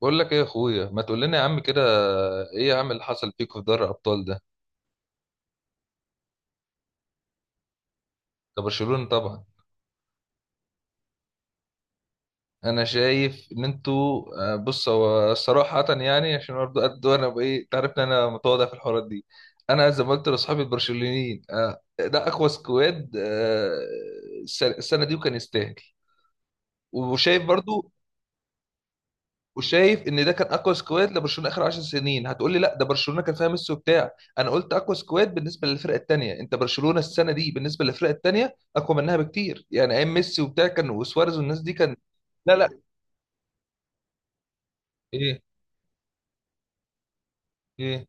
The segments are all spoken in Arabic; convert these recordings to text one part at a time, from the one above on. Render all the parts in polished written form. بقول لك ايه يا اخويا؟ ما تقول لنا يا عم كده. ايه يا عم اللي حصل فيكوا في دوري الابطال ده؟ كبرشلونه طبعا. انا شايف ان انتوا. بص، هو صراحه يعني عشان برضه قد انا بايه، تعرف ان انا متواضع في الحوارات دي. انا زي ما قلت لاصحابي البرشلونيين، ده اقوى سكواد، السنة دي وكان يستاهل. وشايف برضو. وشايف ان ده كان اقوى سكواد لبرشلونه اخر 10 سنين. هتقول لي لا، ده برشلونه كان فيها ميسي وبتاع. انا قلت اقوى سكواد بالنسبه للفرق التانيه. انت برشلونه السنه دي بالنسبه للفرق التانيه اقوى منها بكتير، يعني ايام ميسي وبتاع كان، وسواريز والناس دي كان. لا، لا. ايه؟ ايه؟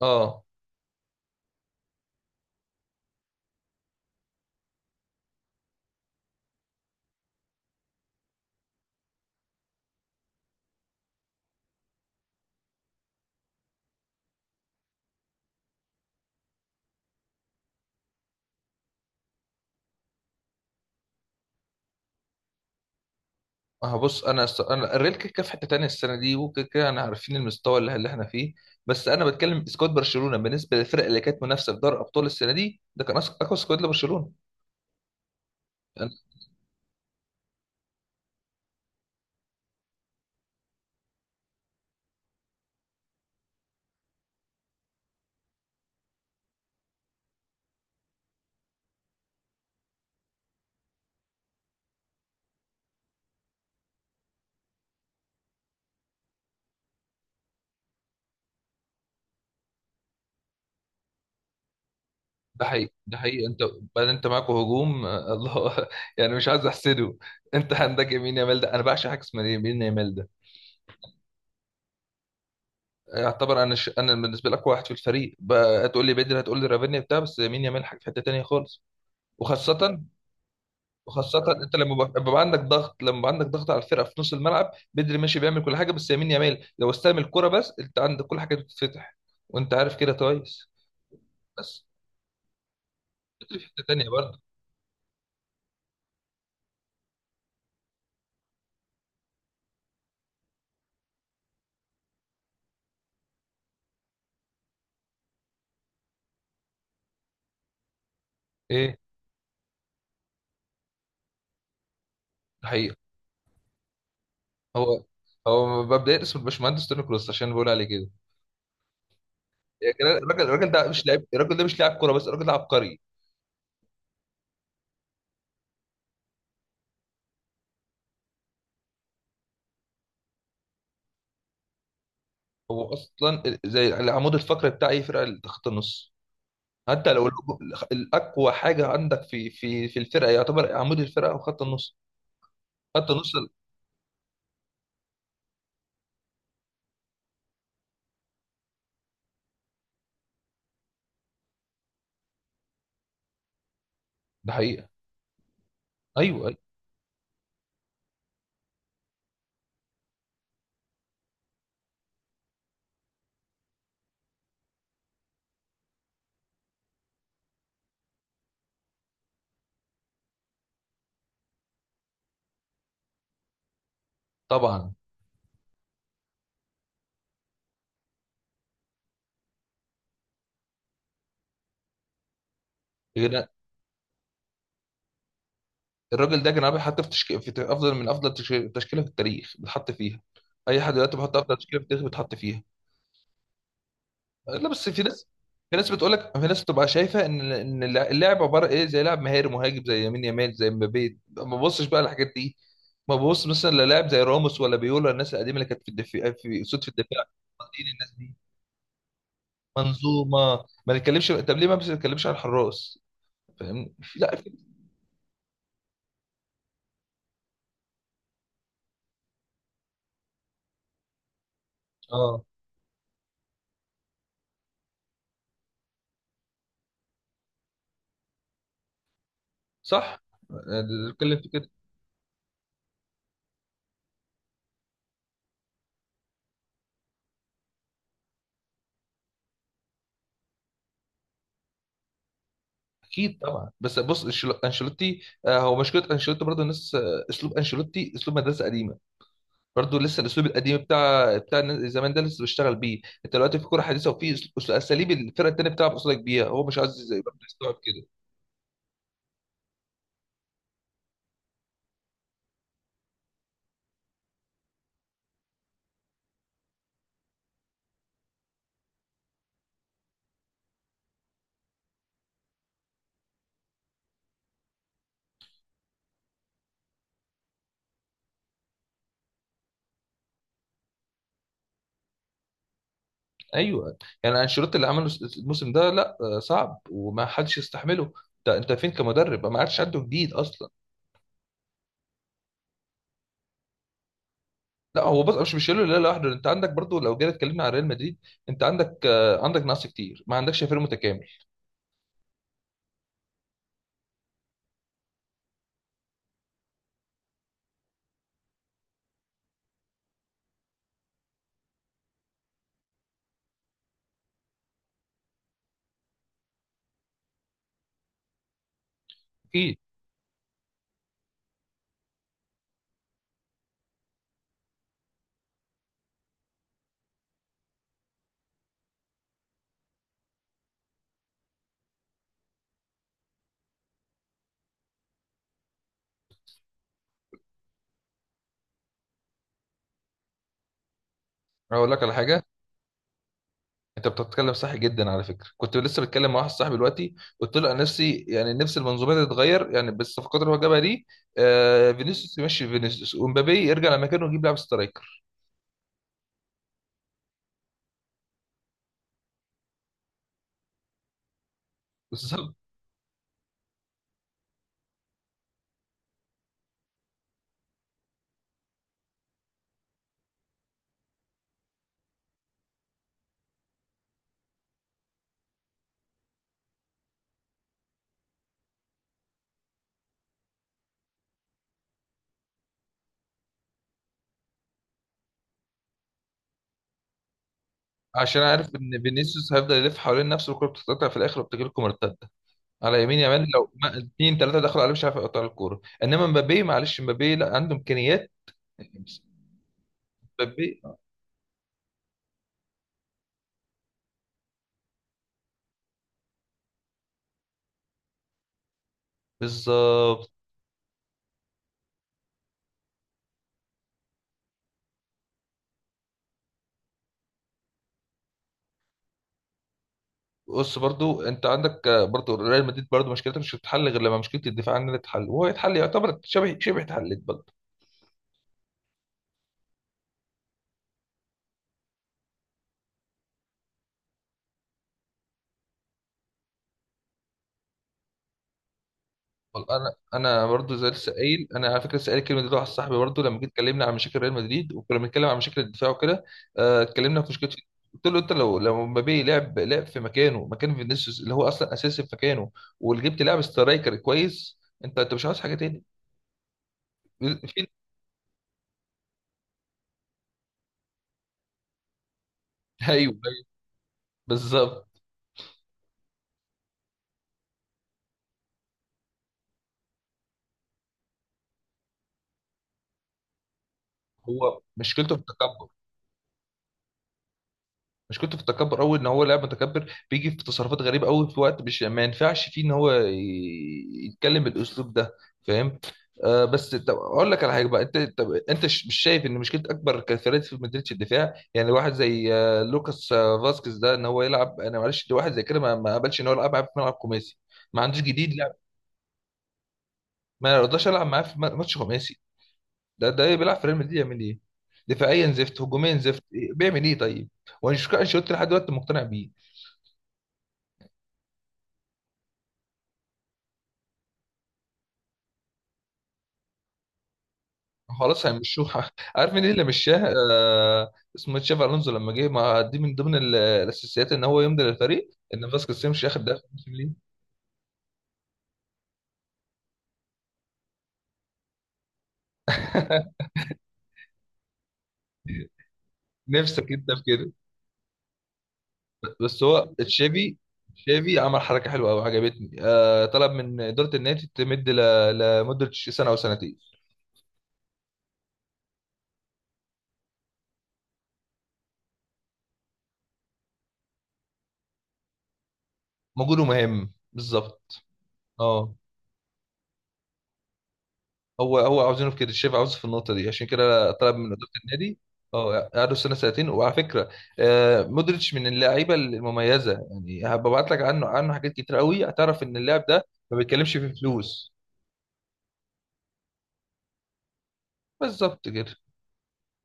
اه، اه، بص. انا الريال كيكا في حته تانيه السنه دي، وكده كده انا عارفين المستوى اللي احنا فيه. بس انا بتكلم سكواد برشلونه بالنسبه للفرق اللي كانت منافسه في دوري الابطال السنه دي. ده كان اقوى سكواد لبرشلونه. ده حقيقي، ده حقيقي. انت بل انت معاكوا هجوم، الله يعني مش عايز احسده. انت عندك يمين يامال ده، انا بعشق حاجه اسمها يمين يامال ده. يعتبر انا، انا بالنسبه لك واحد في الفريق، بقى هتقول لي بدري، هتقول لي رافينيا بتاع، بس يمين يامال حاجه في حته تانيه خالص. وخاصه. وخاصه انت لما بيبقى عندك ضغط لما بيبقى عندك ضغط على الفرقه في نص الملعب. بدري ماشي بيعمل كل حاجه، بس يمين يامال لو استلم الكره بس انت عندك كل حاجه بتتفتح. وانت عارف كده كويس. بس في حته تانيه برضه. ايه؟ ده حقيقي. هو هو مبدئيا اسمه الباشمهندس توني كروس، عشان بقول عليه كده. يا جدعان، الراجل ده مش لاعب، الراجل ده مش لاعب كوره، بس الراجل ده عبقري. هو اصلا زي العمود الفقري بتاع اي فرقه، اللي خط النص. حتى لو الاقوى حاجه عندك في الفرقه يعتبر عمود الفرقه وخط النص. خط النص ال- ده حقيقه. ايوه، أيوة. طبعا. يا جدعان، الراجل ده جنابي، حتى في تشكيل، افضل من تشكيله في التاريخ بيتحط فيها. اي حد دلوقتي بيحط افضل تشكيله في التاريخ بيتحط فيها. لا بس في ناس، في ناس بتقول لك، في ناس بتبقى شايفه ان اللعب عباره ايه، زي لاعب مهاري مهاجم زي يمين يمال، زي مبابي. ما ببصش بقى الحاجات دي. ما ببص مثلا للاعب زي راموس ولا بيولا، الناس القديمه اللي كانت في الدفاع، في صوت في الدفاع. مالديني، الناس دي. منظومه. ما نتكلمش. طب ليه ما بنتكلمش على الحراس؟ فاهم؟ لا، في... اه، صح. اللي بتكلم في كده. اكيد طبعا، بس بص. انشيلوتي، هو مشكله انشيلوتي برضه الناس، اسلوب انشيلوتي اسلوب مدرسه قديمه. برضه لسه الاسلوب القديم بتاع زمان ده لسه بيشتغل بيه. انت دلوقتي في كوره حديثه، وفي اساليب الفرقه التانيه بتلعب قصادك بيها، هو مش عايز زي برضه يستوعب كده. ايوه. يعني انشيلوتي اللي عمله الموسم ده لا، صعب وما حدش يستحمله. انت فين كمدرب؟ ما عادش عنده جديد اصلا. لا، هو بص، مش شايله لا لوحده. انت عندك برضه لو جينا اتكلمنا عن ريال مدريد، انت عندك، عندك نقص كتير، ما عندكش فريق متكامل. اكيد. اقول لك على حاجه. انت بتتكلم صح جدا. على فكره كنت لسه بتكلم مع واحد صاحبي دلوقتي، قلت له انا نفسي يعني نفس المنظومه دي تتغير، يعني بالصفقات اللي هو جابها دي. آه، فينيسيوس يمشي، فينيسيوس ومبابي يرجع لمكانه، ويجيب لاعب سترايكر. بس. عشان عارف ان فينيسيوس هيفضل يلف حوالين نفسه والكوره بتتقطع في الاخر وبتجي لكم مرتده على يمين يامال، لو اتنين تلاته دخلوا عليه مش عارف يقطع الكوره. انما مبابي، معلش، مبابي لا عنده امكانيات. مبابي. بالظبط. بص برضو، انت عندك، برضو ريال مدريد برضو مشكلتها مش هتتحل غير لما مشكله الدفاع عننا تتحل، وهو يتحل يعتبر شبه شبه اتحلت برضو. والله انا برضو زي لسه قايل، انا على فكره لسه قايل الكلمه دي لواحد صاحبي برضو لما جيت اتكلمنا عن مشاكل ريال مدريد وكنا بنتكلم عن مشاكل الدفاع وكده. آه، اتكلمنا في مشكله. قلت له انت، لو مبابي لعب، لعب في مكانه، مكان فينيسيوس اللي هو اصلا اساسي في مكانه، وجبت لاعب سترايكر كويس، انت مش عاوز حاجه تاني. فين؟ ايوه، أيوه. بالظبط. هو مشكلته في التكبر. مش كنت في التكبر قوي، ان هو لاعب متكبر بيجي في تصرفات غريبه قوي في وقت مش ما ينفعش فيه ان هو يتكلم بالاسلوب ده. فاهم؟ آه، بس طب اقول لك على حاجه بقى. انت طب انت، مش شايف ان مشكله اكبر كفريق في مدريدش الدفاع؟ يعني واحد زي لوكاس فاسكيز ده، ان هو يلعب. انا معلش، ده واحد زي كده ما قبلش ان هو يلعب معاه في ملعب خماسي. ما عندوش جديد لعب. ما رضاش العب معاه في ماتش خماسي. ده بيلعب في ريال مدريد يعمل ايه؟ دفاعيا زفت، هجوميا زفت، بيعمل ايه طيب؟ وانا مش انشيلوتي لحد دلوقتي مقتنع بيه. خلاص هيمشوها. عارف مين اللي مشاه؟ آه، اسمه تشافي الونزو. لما جه ما، دي من ضمن الاساسيات ان هو يمضي للفريق ان فاسكيز يمشي، ياخد ده موسم ليه. نفسك انت في كده. بس هو تشافي، تشافي عمل حركه حلوه قوي عجبتني، طلب من اداره النادي تمد لمده سنه او سنتين. موجود ومهم بالظبط. اه. هو عاوزينه في كده الشيف، عاوزه في النقطه دي عشان كده طلب من اداره النادي. اه، قعدوا سنه سنتين وعلى فكره، مودريتش من اللعيبه المميزه، يعني هبعت لك عنه، عنه حاجات كتير قوي، هتعرف ان اللاعب ده ما بيتكلمش في فلوس. بالظبط كده.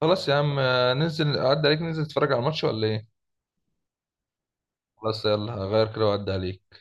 خلاص يا عم، ننزل اعدي عليك، ننزل نتفرج على الماتش ولا ايه؟ خلاص، يلا هغير كده واعدي عليك.